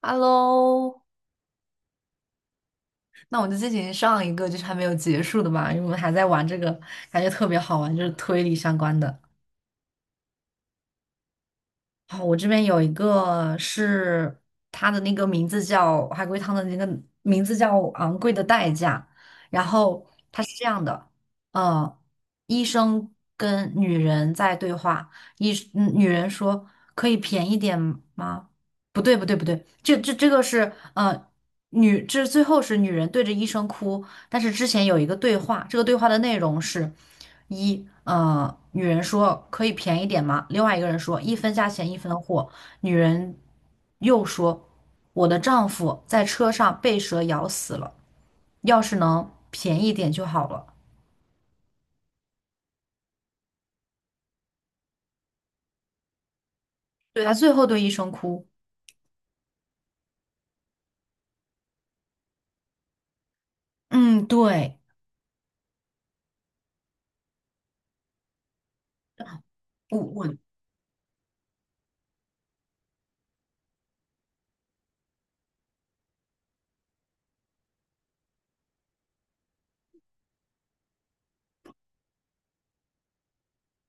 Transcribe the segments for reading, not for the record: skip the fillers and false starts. Hello，那我们就进行上一个就是还没有结束的吧，因为我们还在玩这个，感觉特别好玩，就是推理相关的。哦，我这边有一个是他的那个名字叫海龟汤的那个名字叫《昂贵的代价》，然后它是这样的，呃，医生跟女人在对话，女人说可以便宜点吗？不对不对不对，这个是最后是女人对着医生哭，但是之前有一个对话，这个对话的内容是。一，女人说可以便宜点吗？另外一个人说一分价钱一分货。女人又说，我的丈夫在车上被蛇咬死了，要是能便宜点就好了。对，他最后对医生哭。嗯，对，我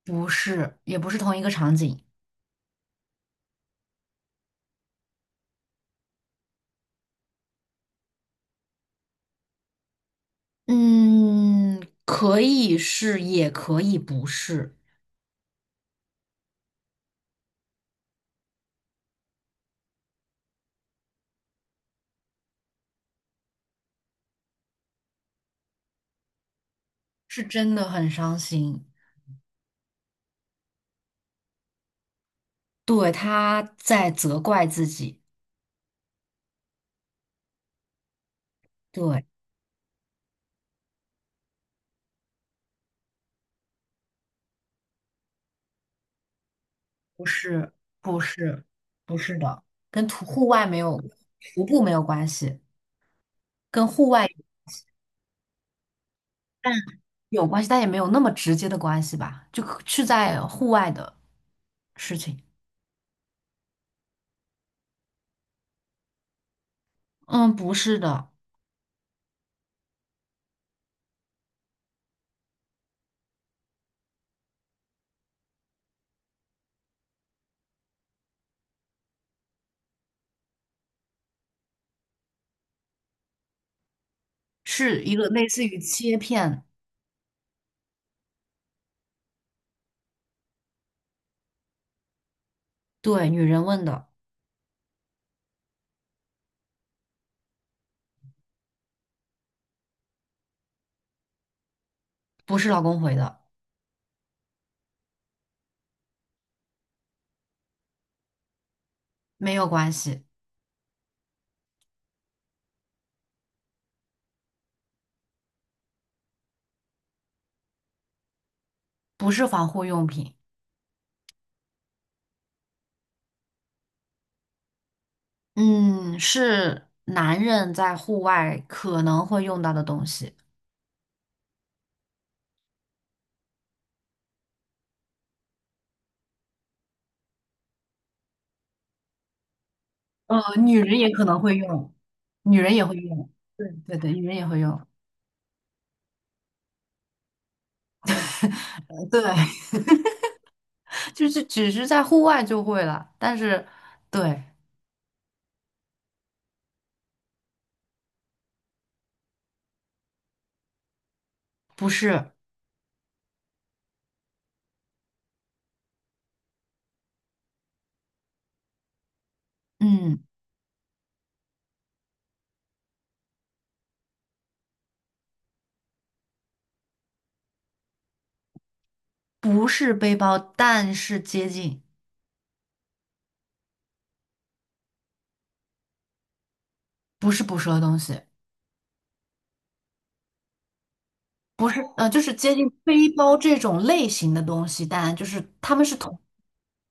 不是，也不是同一个场景。嗯，可以是，也可以不是，是真的很伤心。对，他在责怪自己。对。不是，不是，不是的，跟徒户外没有，徒步没有关系，跟户外但有关系，但也没有那么直接的关系吧，就可是在户外的事情。嗯，不是的，是一个类似于切片，对，女人问的，不是老公回的，没有关系，不是防护用品，嗯，是男人在户外可能会用到的东西。女人也可能会用，女人也会用，对对对，女人也会用，对，就是只是在户外就会了，但是对，不是，嗯，不是背包，但是接近，不是捕蛇的东西，不是，就是接近背包这种类型的东西，但就是他们是同，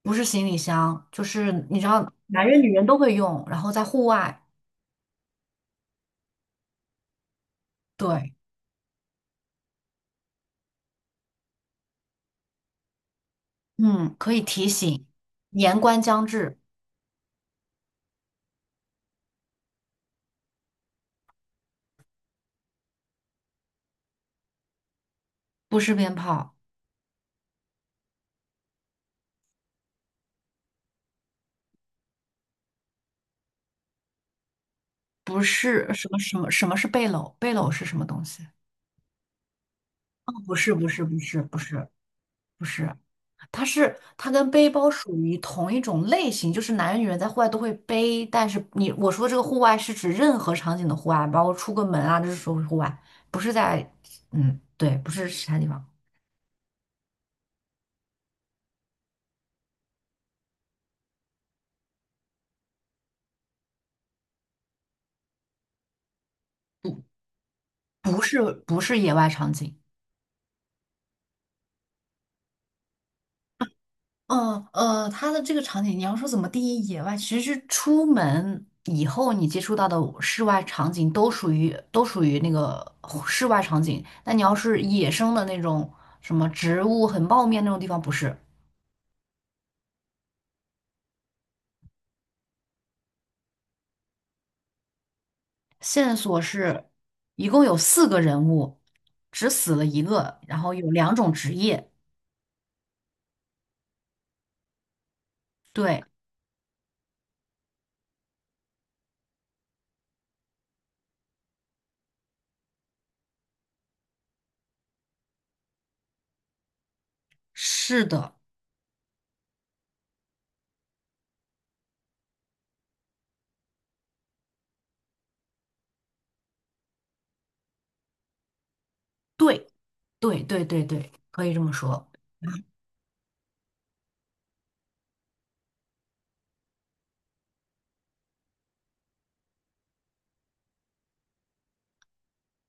不是行李箱，就是你知道，男人女人都会用，然后在户外，对，嗯，可以提醒，年关将至，不是鞭炮。不是什么什么是背篓？背篓是什么东西？不是不是，它是它跟背包属于同一种类型，就是男人女人在户外都会背，但是你我说这个户外是指任何场景的户外，包括出个门啊，这是属于户外，不是在嗯对，不是其他地方，不不是不是野外场景。它的这个场景，你要说怎么定义野外，其实是出门以后你接触到的室外场景都属于那个室外场景。那你要是野生的那种什么植物很茂密那种地方，不是。线索是一共有四个人物，只死了一个，然后有两种职业。对，是的，对对对，可以这么说。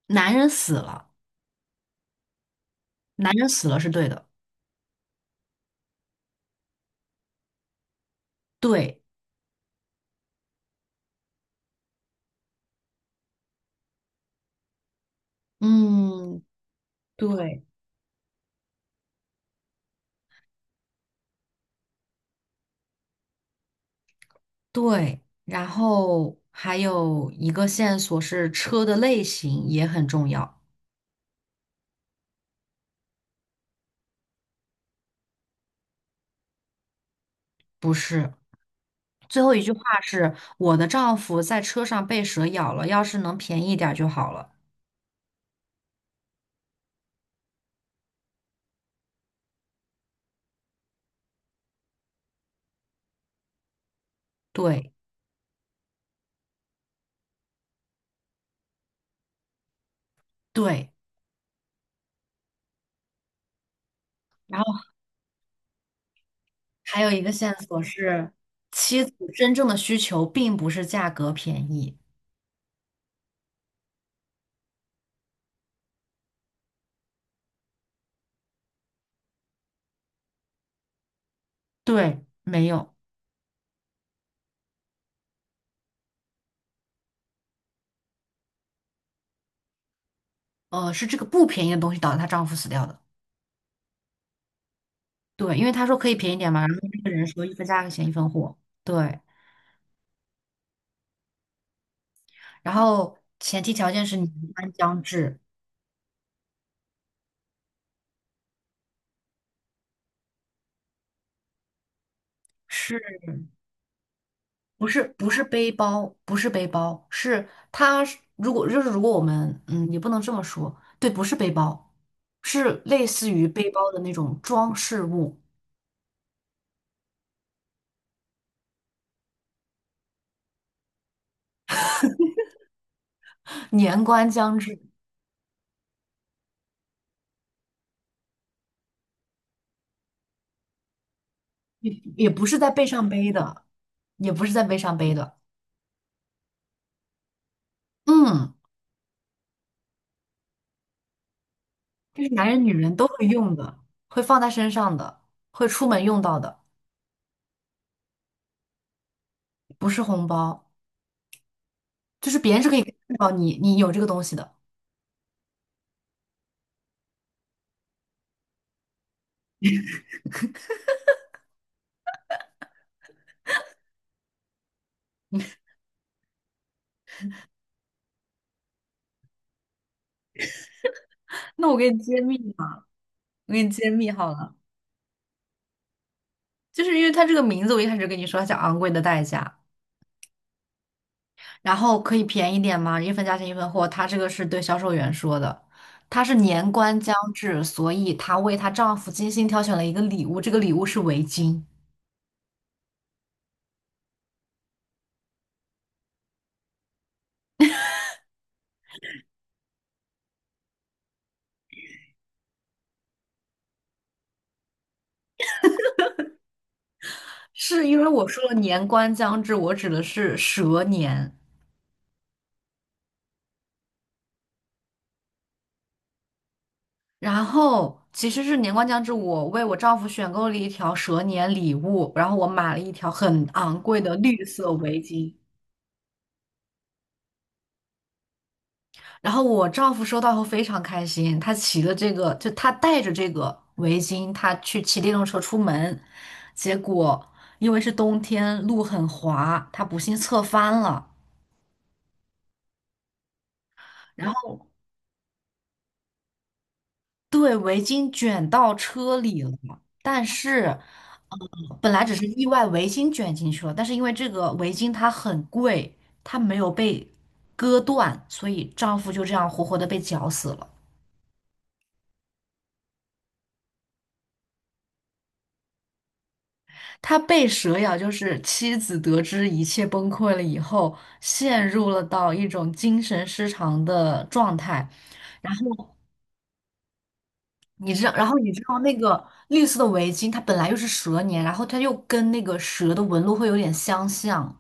男人死了，男人死了是对的。对，嗯，对。对，然后还有一个线索是车的类型也很重要，不是。最后一句话是我的丈夫在车上被蛇咬了，要是能便宜点儿就好了。对对，然后还有一个线索是妻子真正的需求并不是价格便宜，对，没有，是这个不便宜的东西导致她丈夫死掉的。对，因为她说可以便宜点嘛，然后那个人说一分价钱一分货。对。然后前提条件是年关将至，是不是不是背包，不是背包，是它是如果就是如果我们也不能这么说，对，不是背包，是类似于背包的那种装饰物。年关将至，也也不是在背上背的，也不是在背上背的，嗯，就是男人女人都会用的，会放在身上的，会出门用到的，不是红包，就是别人是可以看到你有这个东西的。那我给你揭秘嘛，我给你揭秘好了，就是因为它这个名字，我一开始跟你说它叫昂贵的代价，然后可以便宜点吗？一分价钱一分货，它这个是对销售员说的，她是年关将至，所以她为她丈夫精心挑选了一个礼物，这个礼物是围巾，是因为我说了年关将至，我指的是蛇年，然后其实是年关将至，我为我丈夫选购了一条蛇年礼物，然后我买了一条很昂贵的绿色围巾。然后我丈夫收到后非常开心，他骑了这个，就他带着这个围巾，他去骑电动车出门，结果因为是冬天，路很滑，他不幸侧翻了，然后对围巾卷到车里了。但是本来只是意外围巾卷进去了，但是因为这个围巾它很贵，它没有被割断，所以丈夫就这样活活的被绞死了。他被蛇咬，就是妻子得知一切崩溃了以后，陷入了到一种精神失常的状态。然后你知道，那个绿色的围巾，它本来又是蛇年，然后它又跟那个蛇的纹路会有点相像。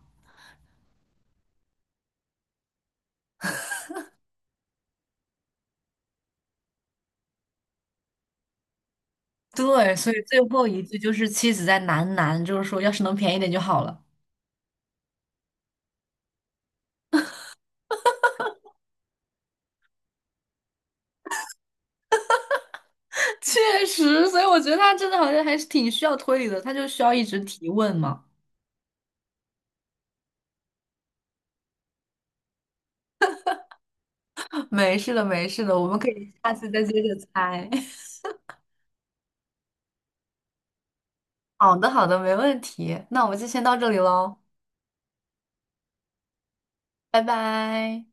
对，所以最后一句就是妻子在喃喃，就是说要是能便宜点就好了。确实，所以我觉得他真的好像还是挺需要推理的，他就需要一直提问嘛。没事的，没事的，我们可以下次再接着猜。好的，好的，没问题。那我们就先到这里喽，拜拜。